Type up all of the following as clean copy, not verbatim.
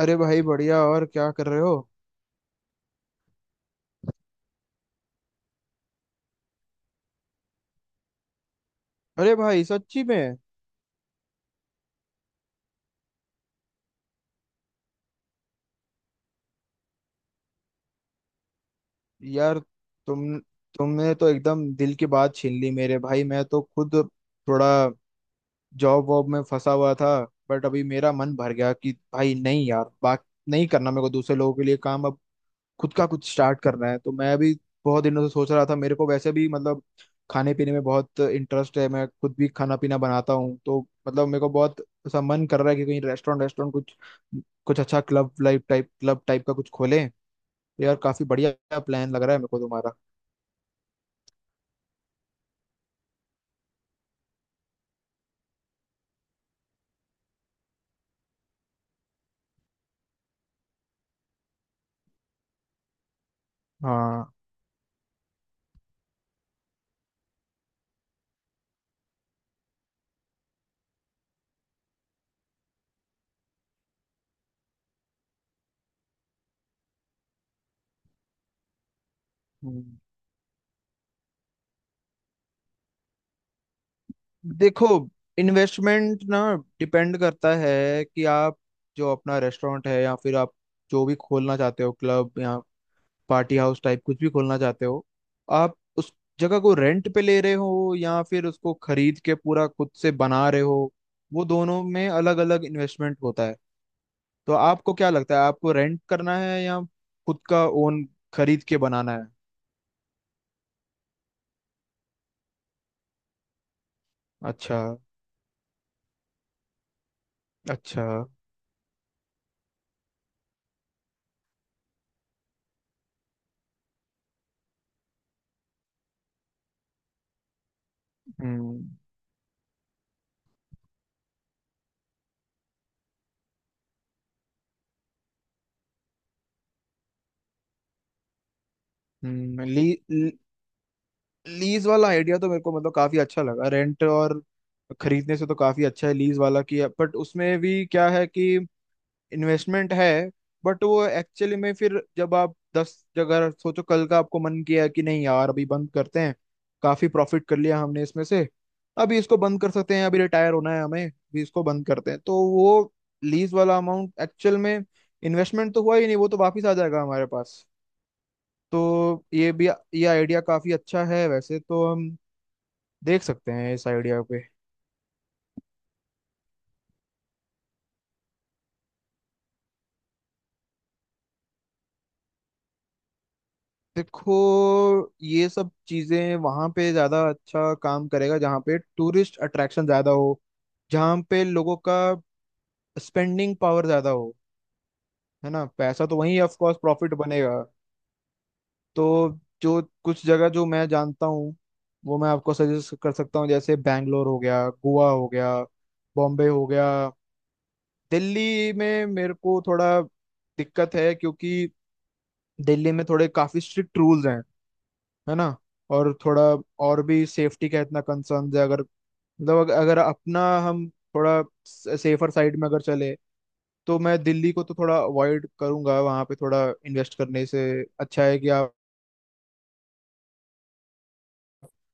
अरे भाई बढ़िया। और क्या कर रहे हो? अरे भाई, सच्ची में? यार, तुम तुमने तो एकदम दिल की बात छीन ली मेरे भाई। मैं तो खुद थोड़ा जॉब वॉब में फंसा हुआ था। बट अभी मेरा मन भर गया कि भाई, नहीं यार, बात नहीं करना मेरे को दूसरे लोगों के लिए काम। अब खुद का कुछ स्टार्ट करना है। तो मैं भी बहुत दिनों से सोच रहा था, मेरे को वैसे भी मतलब खाने पीने में बहुत इंटरेस्ट है। मैं खुद भी खाना पीना बनाता हूँ। तो मतलब मेरे को बहुत ऐसा मन कर रहा है कि कहीं रेस्टोरेंट रेस्टोरेंट कुछ कुछ अच्छा, club life type, club type का कुछ खोलें। तो यार काफी बढ़िया प्लान लग रहा है मेरे को तुम्हारा। हाँ। हम्म, देखो, इन्वेस्टमेंट ना डिपेंड करता है कि आप जो अपना रेस्टोरेंट है या फिर आप जो भी खोलना चाहते हो, क्लब या पार्टी हाउस टाइप कुछ भी खोलना चाहते हो, आप उस जगह को रेंट पे ले रहे हो या फिर उसको खरीद के पूरा खुद से बना रहे हो। वो दोनों में अलग अलग इन्वेस्टमेंट होता है। तो आपको क्या लगता है, आपको रेंट करना है या खुद का ओन, खरीद के बनाना है? अच्छा। अच्छा। हम्म ली, ली- लीज वाला आइडिया तो मेरे को मतलब काफी अच्छा लगा। रेंट और खरीदने से तो काफी अच्छा है लीज वाला की। बट उसमें भी क्या है कि इन्वेस्टमेंट है। बट वो एक्चुअली में फिर जब आप 10 जगह सोचो, कल का आपको मन किया कि नहीं यार अभी बंद करते हैं, काफी प्रॉफिट कर लिया हमने इसमें से, अभी इसको बंद कर सकते हैं, अभी रिटायर होना है हमें, अभी इसको बंद करते हैं, तो वो लीज वाला अमाउंट एक्चुअल में इन्वेस्टमेंट तो हुआ ही नहीं। वो तो वापिस आ जाएगा हमारे पास। तो ये भी, ये आइडिया काफी अच्छा है। वैसे तो हम देख सकते हैं इस आइडिया पे। देखो, ये सब चीजें वहां पे ज्यादा अच्छा काम करेगा जहाँ पे टूरिस्ट अट्रैक्शन ज्यादा हो, जहाँ पे लोगों का स्पेंडिंग पावर ज्यादा हो, है ना? पैसा तो वहीं ऑफ कोर्स प्रॉफिट बनेगा। तो जो कुछ जगह जो मैं जानता हूँ, वो मैं आपको सजेस्ट कर सकता हूँ। जैसे बैंगलोर हो गया, गोवा हो गया, बॉम्बे हो गया। दिल्ली में मेरे को थोड़ा दिक्कत है, क्योंकि दिल्ली में थोड़े काफी स्ट्रिक्ट रूल्स हैं, है ना? और थोड़ा, और भी सेफ्टी का इतना कंसर्न है। अगर मतलब अगर अगर अपना, हम थोड़ा सेफर साइड में अगर चले, तो मैं दिल्ली को तो थोड़ा अवॉइड करूंगा वहां पे थोड़ा इन्वेस्ट करने से। अच्छा है कि आप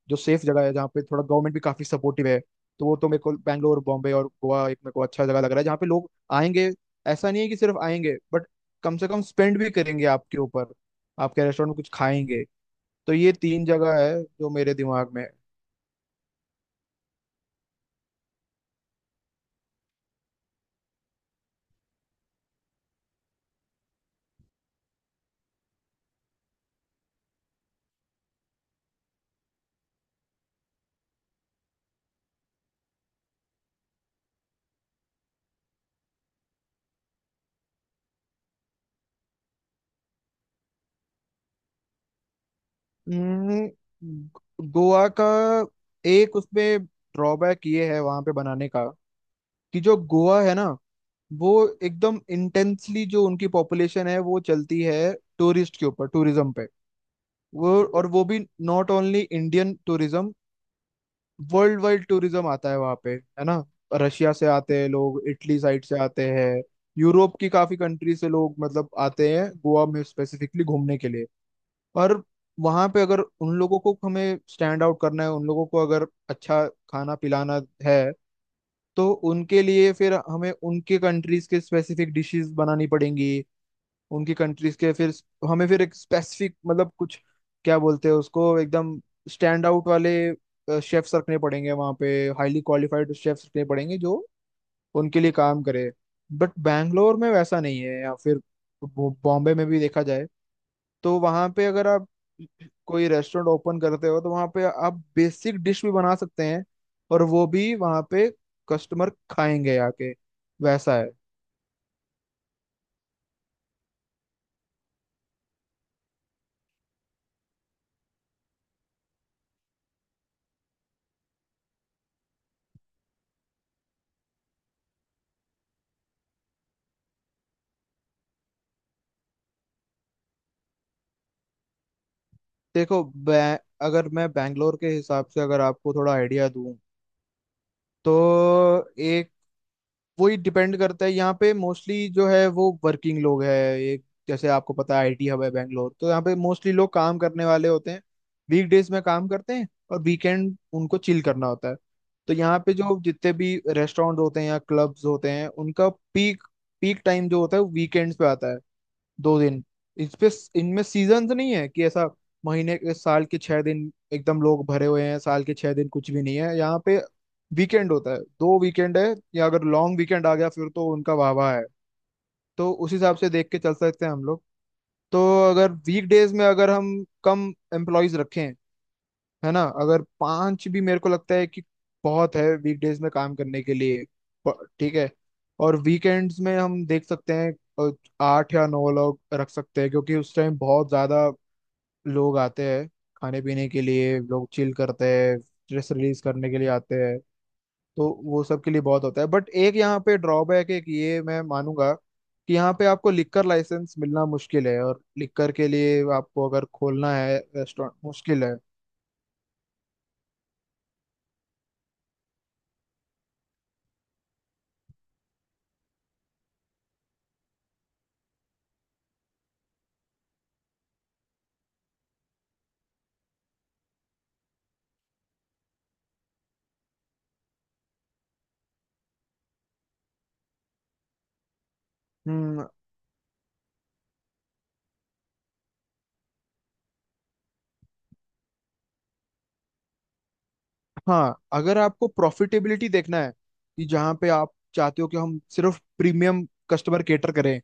जो सेफ जगह है जहाँ पे थोड़ा गवर्नमेंट भी काफी सपोर्टिव है, तो वो तो मेरे को बैंगलोर, बॉम्बे और गोवा, एक मेरे को अच्छा जगह लग रहा है जहाँ पे लोग आएंगे। ऐसा नहीं है कि सिर्फ आएंगे, बट कम से कम स्पेंड भी करेंगे आपके ऊपर, आपके रेस्टोरेंट में कुछ खाएंगे। तो ये तीन जगह है जो मेरे दिमाग में है। हम्म, गोवा का एक उसमें ड्रॉबैक ये है वहां पे बनाने का, कि जो गोवा है ना, वो एकदम इंटेंसली, जो उनकी पॉपुलेशन है वो चलती है टूरिस्ट के ऊपर, टूरिज्म पे। वो और वो भी not only Indian tourism, worldwide tourism आता है वहां पे, है ना? रशिया से आते हैं लोग, इटली साइड से आते हैं, यूरोप की काफी कंट्री से लोग मतलब आते हैं गोवा में स्पेसिफिकली घूमने के लिए। पर वहां पे अगर उन लोगों को हमें स्टैंड आउट करना है, उन लोगों को अगर अच्छा खाना पिलाना है, तो उनके लिए फिर हमें उनके कंट्रीज के स्पेसिफिक डिशेस बनानी पड़ेंगी, उनकी कंट्रीज के। फिर हमें फिर एक स्पेसिफिक मतलब कुछ, क्या बोलते हैं उसको, एकदम स्टैंड आउट वाले शेफ्स रखने पड़ेंगे वहाँ पे, हाईली क्वालिफाइड शेफ्स रखने पड़ेंगे जो उनके लिए काम करे। बट बैंगलोर में वैसा नहीं है। या फिर बॉम्बे में भी देखा जाए, तो वहां पे अगर आप कोई रेस्टोरेंट ओपन करते हो, तो वहां पे आप बेसिक डिश भी बना सकते हैं, और वो भी वहां पे कस्टमर खाएंगे आके, वैसा है। देखो अगर मैं बैंगलोर के हिसाब से अगर आपको थोड़ा आइडिया दूं, तो वही डिपेंड करता है यहाँ पे मोस्टली जो है वो वर्किंग लोग है। एक, जैसे आपको पता है आईटी हब है बैंगलोर, तो यहाँ पे मोस्टली लोग काम करने वाले होते हैं। वीक डेज में काम करते हैं और वीकेंड उनको चिल करना होता है। तो यहाँ पे जो जितने भी रेस्टोरेंट होते हैं या क्लब्स होते हैं, उनका पीक पीक टाइम जो होता है वो वीकेंड्स पे आता है। 2 दिन। इस पे इनमें सीजन नहीं है कि ऐसा महीने के, साल के 6 दिन एकदम लोग भरे हुए हैं, साल के 6 दिन कुछ भी नहीं है यहाँ पे। वीकेंड होता है, 2 वीकेंड है, या अगर लॉन्ग वीकेंड आ गया फिर तो उनका वाह वाह है। तो उस हिसाब से देख के चल सकते हैं हम लोग। तो अगर वीक डेज में अगर हम कम एम्प्लॉयज रखें, है ना? अगर पांच भी, मेरे को लगता है कि बहुत है वीकडेज में काम करने के लिए। ठीक है। और वीकेंड्स में हम देख सकते हैं अ, 8 या 9 लोग रख सकते हैं, क्योंकि उस टाइम बहुत ज्यादा लोग आते हैं खाने पीने के लिए, लोग चिल करते हैं, स्ट्रेस रिलीज करने के लिए आते हैं। तो वो सब के लिए बहुत होता है। बट एक यहाँ पे ड्रॉबैक है कि ये मैं मानूंगा, कि यहाँ पे आपको लिक्कर लाइसेंस मिलना मुश्किल है, और लिक्कर के लिए आपको अगर खोलना है रेस्टोरेंट, मुश्किल है। हम्म। हाँ, अगर आपको प्रॉफिटेबिलिटी देखना है, कि जहाँ पे आप चाहते हो कि हम सिर्फ प्रीमियम कस्टमर केटर करें,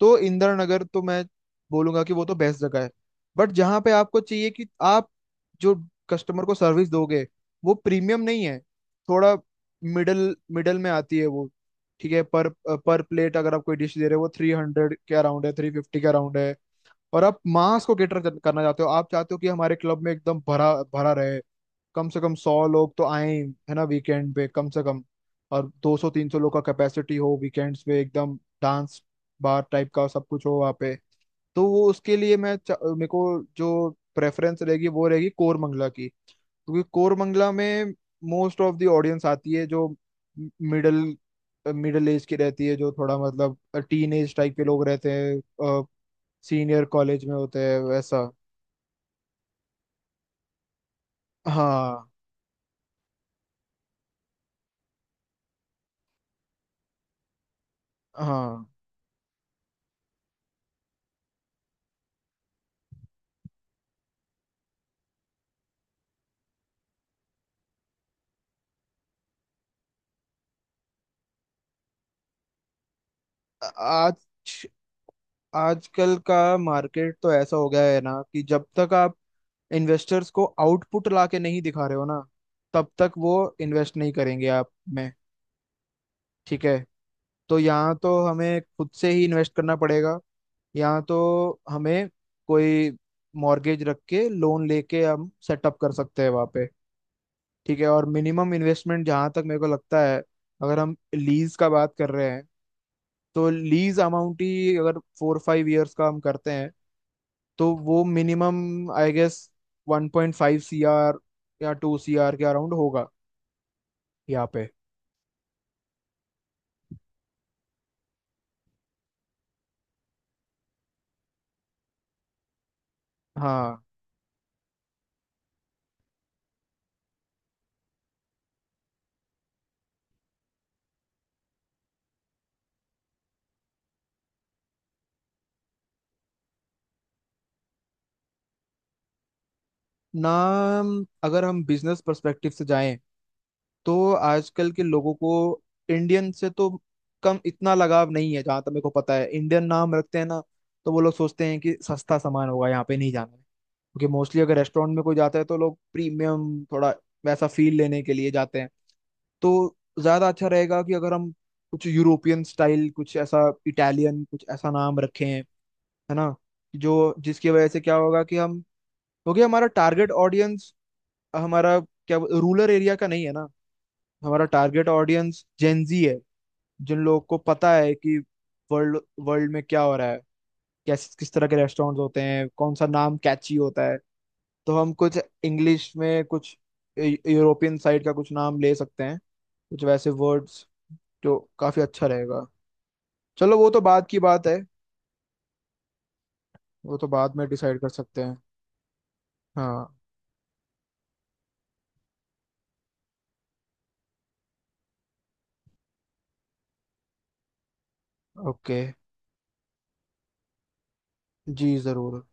तो इंदिरा नगर तो मैं बोलूंगा कि वो तो बेस्ट जगह है। बट जहाँ पे आपको चाहिए कि आप जो कस्टमर को सर्विस दोगे वो प्रीमियम नहीं है, थोड़ा मिडल मिडल में आती है वो, ठीक है, पर प्लेट अगर आप कोई डिश दे रहे हो वो 300 के अराउंड है, 350 के अराउंड है, और आप मास को कैटर करना चाहते हो, आप चाहते हो कि हमारे क्लब में एकदम भरा भरा रहे, कम से कम 100 लोग तो आए, है ना? वीकेंड पे कम से कम। और 200-300 लोग का कैपेसिटी हो वीकेंड्स पे, एकदम डांस बार टाइप का सब कुछ हो वहाँ पे। तो वो उसके लिए मैं मेरे को जो प्रेफरेंस रहेगी वो रहेगी कोरमंगला की, क्योंकि कोरमंगला में मोस्ट ऑफ द ऑडियंस आती है जो मिडिल, मिडिल एज की रहती है, जो थोड़ा मतलब टीन एज टाइप के लोग रहते हैं, सीनियर कॉलेज में होते हैं, वैसा। हाँ, हाँ। आज आजकल का मार्केट तो ऐसा हो गया है ना, कि जब तक आप इन्वेस्टर्स को आउटपुट ला के नहीं दिखा रहे हो ना, तब तक वो इन्वेस्ट नहीं करेंगे आप में। ठीक है। तो यहाँ तो हमें खुद से ही इन्वेस्ट करना पड़ेगा। यहाँ तो हमें कोई मॉर्गेज रख के लोन लेके हम सेटअप कर सकते हैं वहाँ पे। ठीक है। और मिनिमम इन्वेस्टमेंट जहाँ तक मेरे को लगता है, अगर हम लीज का बात कर रहे हैं, तो लीज अमाउंट ही अगर 4-5 इयर्स का हम करते हैं, तो वो मिनिमम आई गेस 1.5 CR या 2 CR के अराउंड होगा। यहाँ पे हाँ। नाम, अगर हम बिजनेस पर्सपेक्टिव से जाएं, तो आजकल के लोगों को इंडियन से तो कम, इतना लगाव नहीं है जहाँ तक मेरे को पता है। इंडियन नाम रखते हैं ना, तो वो लोग सोचते हैं कि सस्ता सामान होगा, यहाँ पे नहीं जाना है, क्योंकि मोस्टली अगर रेस्टोरेंट में कोई जाता है तो लोग प्रीमियम थोड़ा वैसा फील लेने के लिए जाते हैं। तो ज्यादा अच्छा रहेगा कि अगर हम कुछ यूरोपियन स्टाइल कुछ ऐसा, इटालियन कुछ ऐसा नाम रखें, है ना? जो, जिसकी वजह से क्या होगा कि हम, क्योंकि हमारा टारगेट ऑडियंस, हमारा क्या रूरल एरिया का नहीं है ना। हमारा टारगेट ऑडियंस जेंजी है, जिन लोगों को पता है कि वर्ल्ड वर्ल्ड में क्या हो रहा है, कैसे किस तरह के रेस्टोरेंट होते हैं, कौन सा नाम कैची होता है। तो हम कुछ इंग्लिश में, कुछ यूरोपियन साइड का कुछ नाम ले सकते हैं, कुछ वैसे वर्ड्स, जो काफी अच्छा रहेगा। चलो वो तो बाद की बात है। वो तो बाद में डिसाइड कर सकते हैं। हाँ। ओके। जी जरूर।